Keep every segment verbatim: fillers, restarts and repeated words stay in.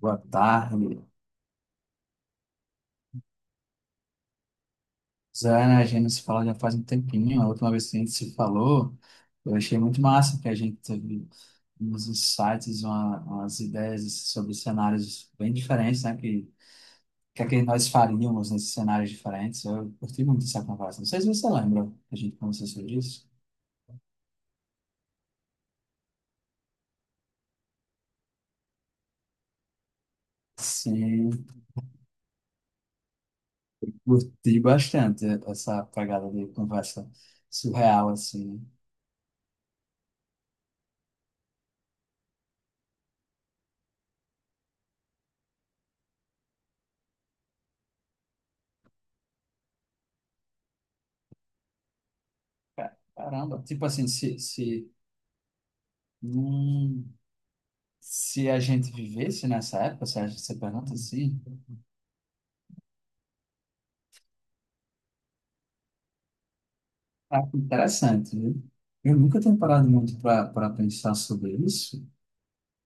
Boa tarde. Zana, a gente se fala já faz um tempinho. A última vez que a gente se falou, eu achei muito massa que a gente teve uns insights, uma, umas ideias sobre cenários bem diferentes, né? Que, que, é que nós faríamos nesses cenários diferentes. Eu curti muito essa conversa. Não sei se você lembra que a gente conversou sobre isso. Sim, curti bastante essa pegada de conversa surreal, assim. Ca- Caramba, tipo assim, se, se, num- Se a gente vivesse nessa época, se a- você pergunta assim, ah, que interessante, viu? Eu nunca tenho parado muito para pensar sobre isso,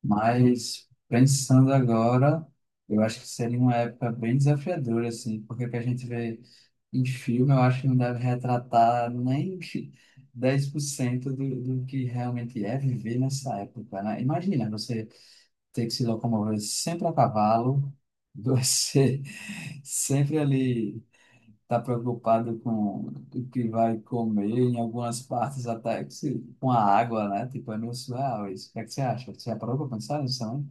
mas pensando agora, eu acho que seria uma época bem desafiadora, assim, porque o que a gente vê em filme, eu acho que não deve retratar nem que dez por cento do, do que realmente é viver nessa época, né? Imagina você ter que se locomover sempre a cavalo, você sempre ali. Está preocupado com o que vai comer, em algumas partes até que se- com a água, né? Tipo, é meio surreal isso. O que é que você acha? Você já parou para pensar nisso também?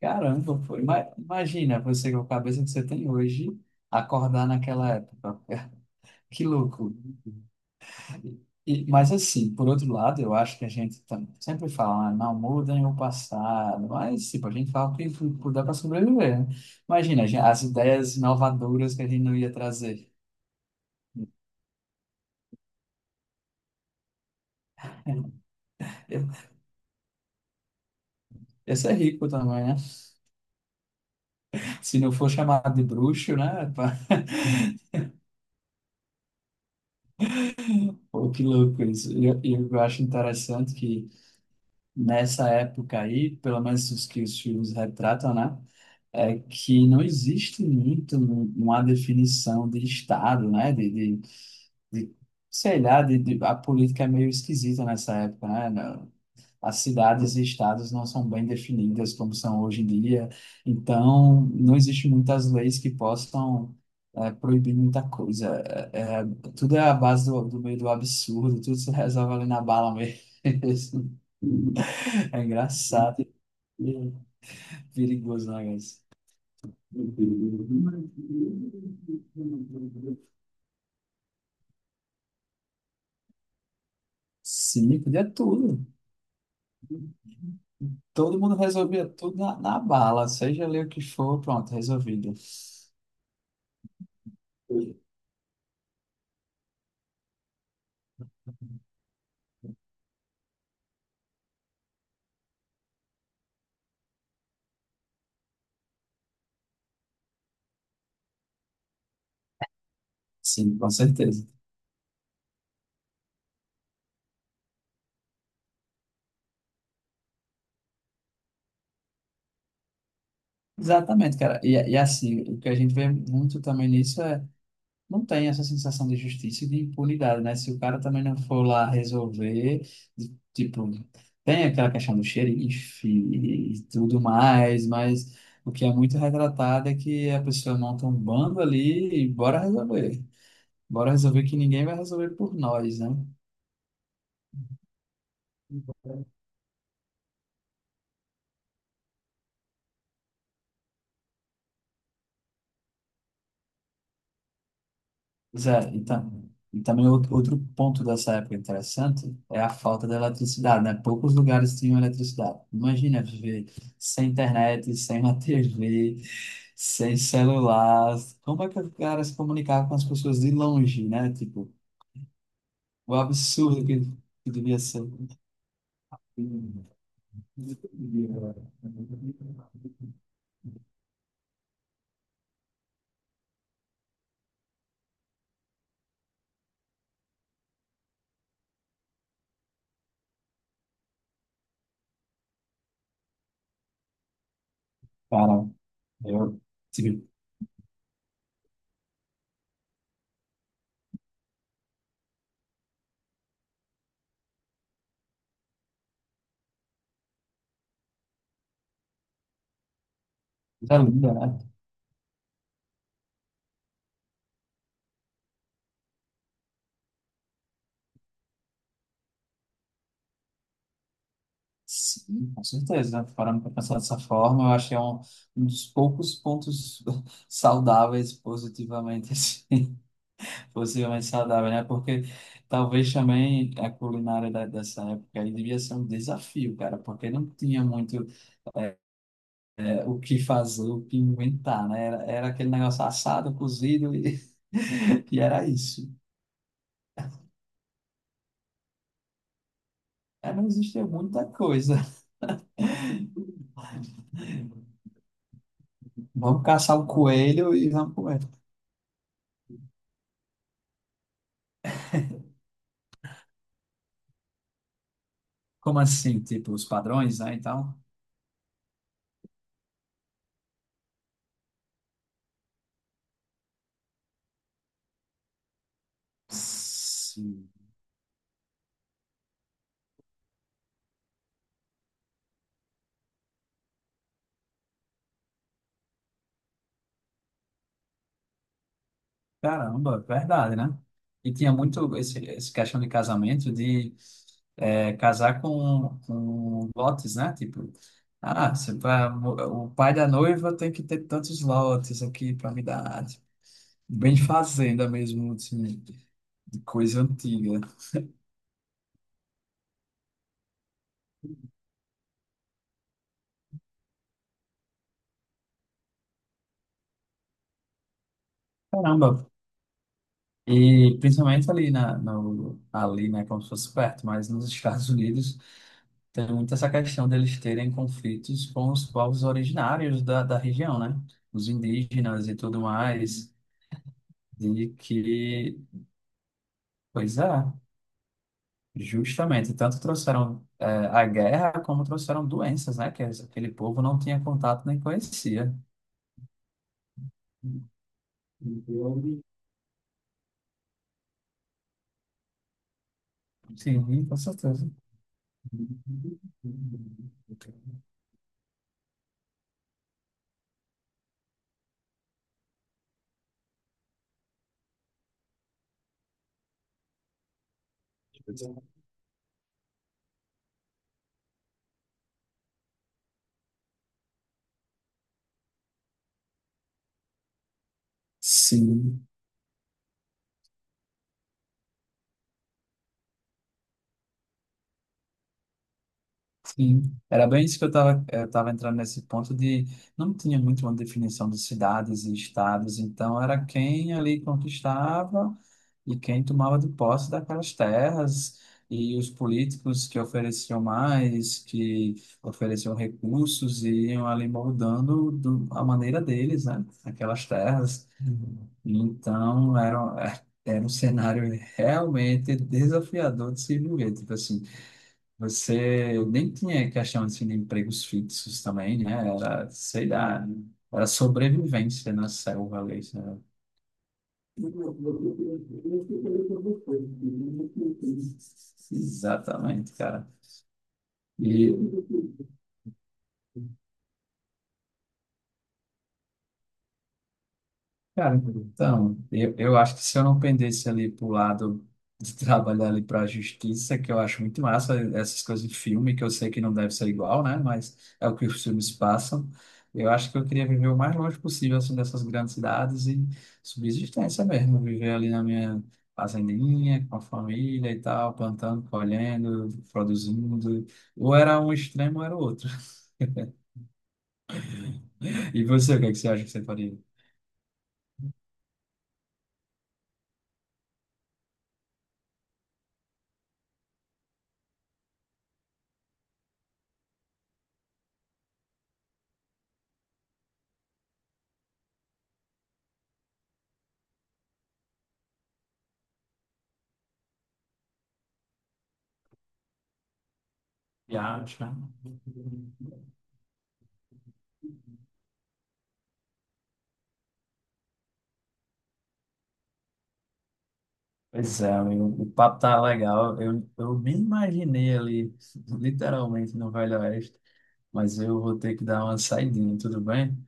Caramba, pô. Ima- Imagina você com a cabeça que você tem hoje, acordar naquela época. Que louco. E, mas assim, por outro lado, eu acho que a gente tam- sempre fala, né, não mudem o passado, mas tipo, a gente fala o que fu- puder para sobreviver, né? Imagina, a gen- as ideias inovadoras que a gente não ia trazer. Esse é rico também, né? Se não for chamado de bruxo, né? Pá? Pô, que louco isso. E Eu, e eu acho interessante que nessa época aí, pelo menos os que os filmes retratam, né? É que não existe muito um, uma definição de Estado, né? De, de, de sei lá, de, de, a política é meio esquisita nessa época, né? As cidades e estados não são bem definidas como são hoje em dia, então não existe muitas leis que possam eh, proibir muita coisa. É, é, tudo é a base do, do meio do absurdo, tudo se resolve ali na bala mesmo. É engraçado e perigoso, né, guys? Sim, podia tudo. Todo mundo resolvia tudo na, na bala, seja ali o que for, pronto, resolvido. Sim, com certeza. Exatamente, cara. E, e assim, o que a gente vê muito também nisso é, não tem essa sensação de justiça e de impunidade, né? Se o cara também não for lá resolver, tipo, tem aquela questão do xerife e tudo mais, mas o que é muito retratado é que a pessoa monta um bando ali e bora resolver. Bora resolver que ninguém vai resolver por nós, né? Pois é, e, ta- e também outro, outro ponto dessa época interessante é a falta da eletricidade, né? Poucos lugares tinham eletricidade. Imagina viver sem internet, sem uma T V, sem celular. Como é que o cara se comunicava com as pessoas de longe, né? Tipo, o absurdo que, que devia ser. Cara, eu... Tipo, coisa linda, né? Sim, com certeza. Parando para pensar dessa forma, eu acho que é um, um dos poucos pontos saudáveis, positivamente, assim, positivamente saudável, né? Porque talvez também a culinária da- dessa época aí devia ser um desafio, cara, porque não tinha muito eh, o que fazer, o que inventar, né? Era, era aquele negócio assado, cozido e, e era isso. É, não existia muita coisa. Vamos caçar o coelho e vamos comer. Como assim? Tipo, os padrões, né, e tal? Sim. Caramba, verdade, né? E tinha muito esse, esse questão de casamento, de é, casar com, com lotes, né? Tipo, ah, você vai- o pai da noiva tem que ter tantos lotes aqui para me dar. Tipo, bem de fazenda mesmo, assim, de coisa antiga. Caramba. E principalmente ali na, no, ali, né, como se fosse perto, mas nos Estados Unidos. Tem muito essa questão deles terem conflitos com os povos originários da, da região, né? Os indígenas e tudo mais, e que, pois é, justamente, tanto trouxeram eh, a guerra como trouxeram doenças, né? Que aquele povo não tinha contato nem conhecia. Sim, com certeza. Sim. Sim, era bem isso que eu estava eu tava entrando nesse ponto de não tinha muito uma definição de cidades e estados, então era quem ali conquistava e quem tomava de posse daquelas terras e os políticos que ofereciam mais, que ofereciam recursos e iam ali moldando do, a maneira deles, né, aquelas terras. Então era, era um cenário realmente desafiador de se viver, tipo assim, você nem tinha questão assim, de empregos fixos também, né? Era, sei lá, era sobrevivência na selva ali, sabe? Exatamente, cara. E, Cara, então, eu, eu acho que se eu não pendesse ali pro lado de trabalhar ali para a justiça, que eu acho muito massa, essas coisas de filme, que eu sei que não deve ser igual, né? Mas é o que os filmes passam. Eu acho que eu queria viver o mais longe possível, assim, dessas grandes cidades e subsistência mesmo, viver ali na minha fazendinha, com a família e tal, plantando, colhendo, produzindo. Ou era um extremo ou era o outro. E você, o que é que você acha que você faria? Viagem, né? Pois é, amigo, o papo tá legal. Eu, eu me imaginei ali, literalmente, no Velho Oeste, mas eu vou ter que dar uma saidinha, tudo bem?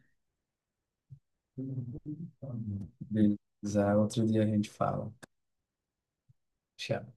Beleza, outro dia a gente fala. Tchau.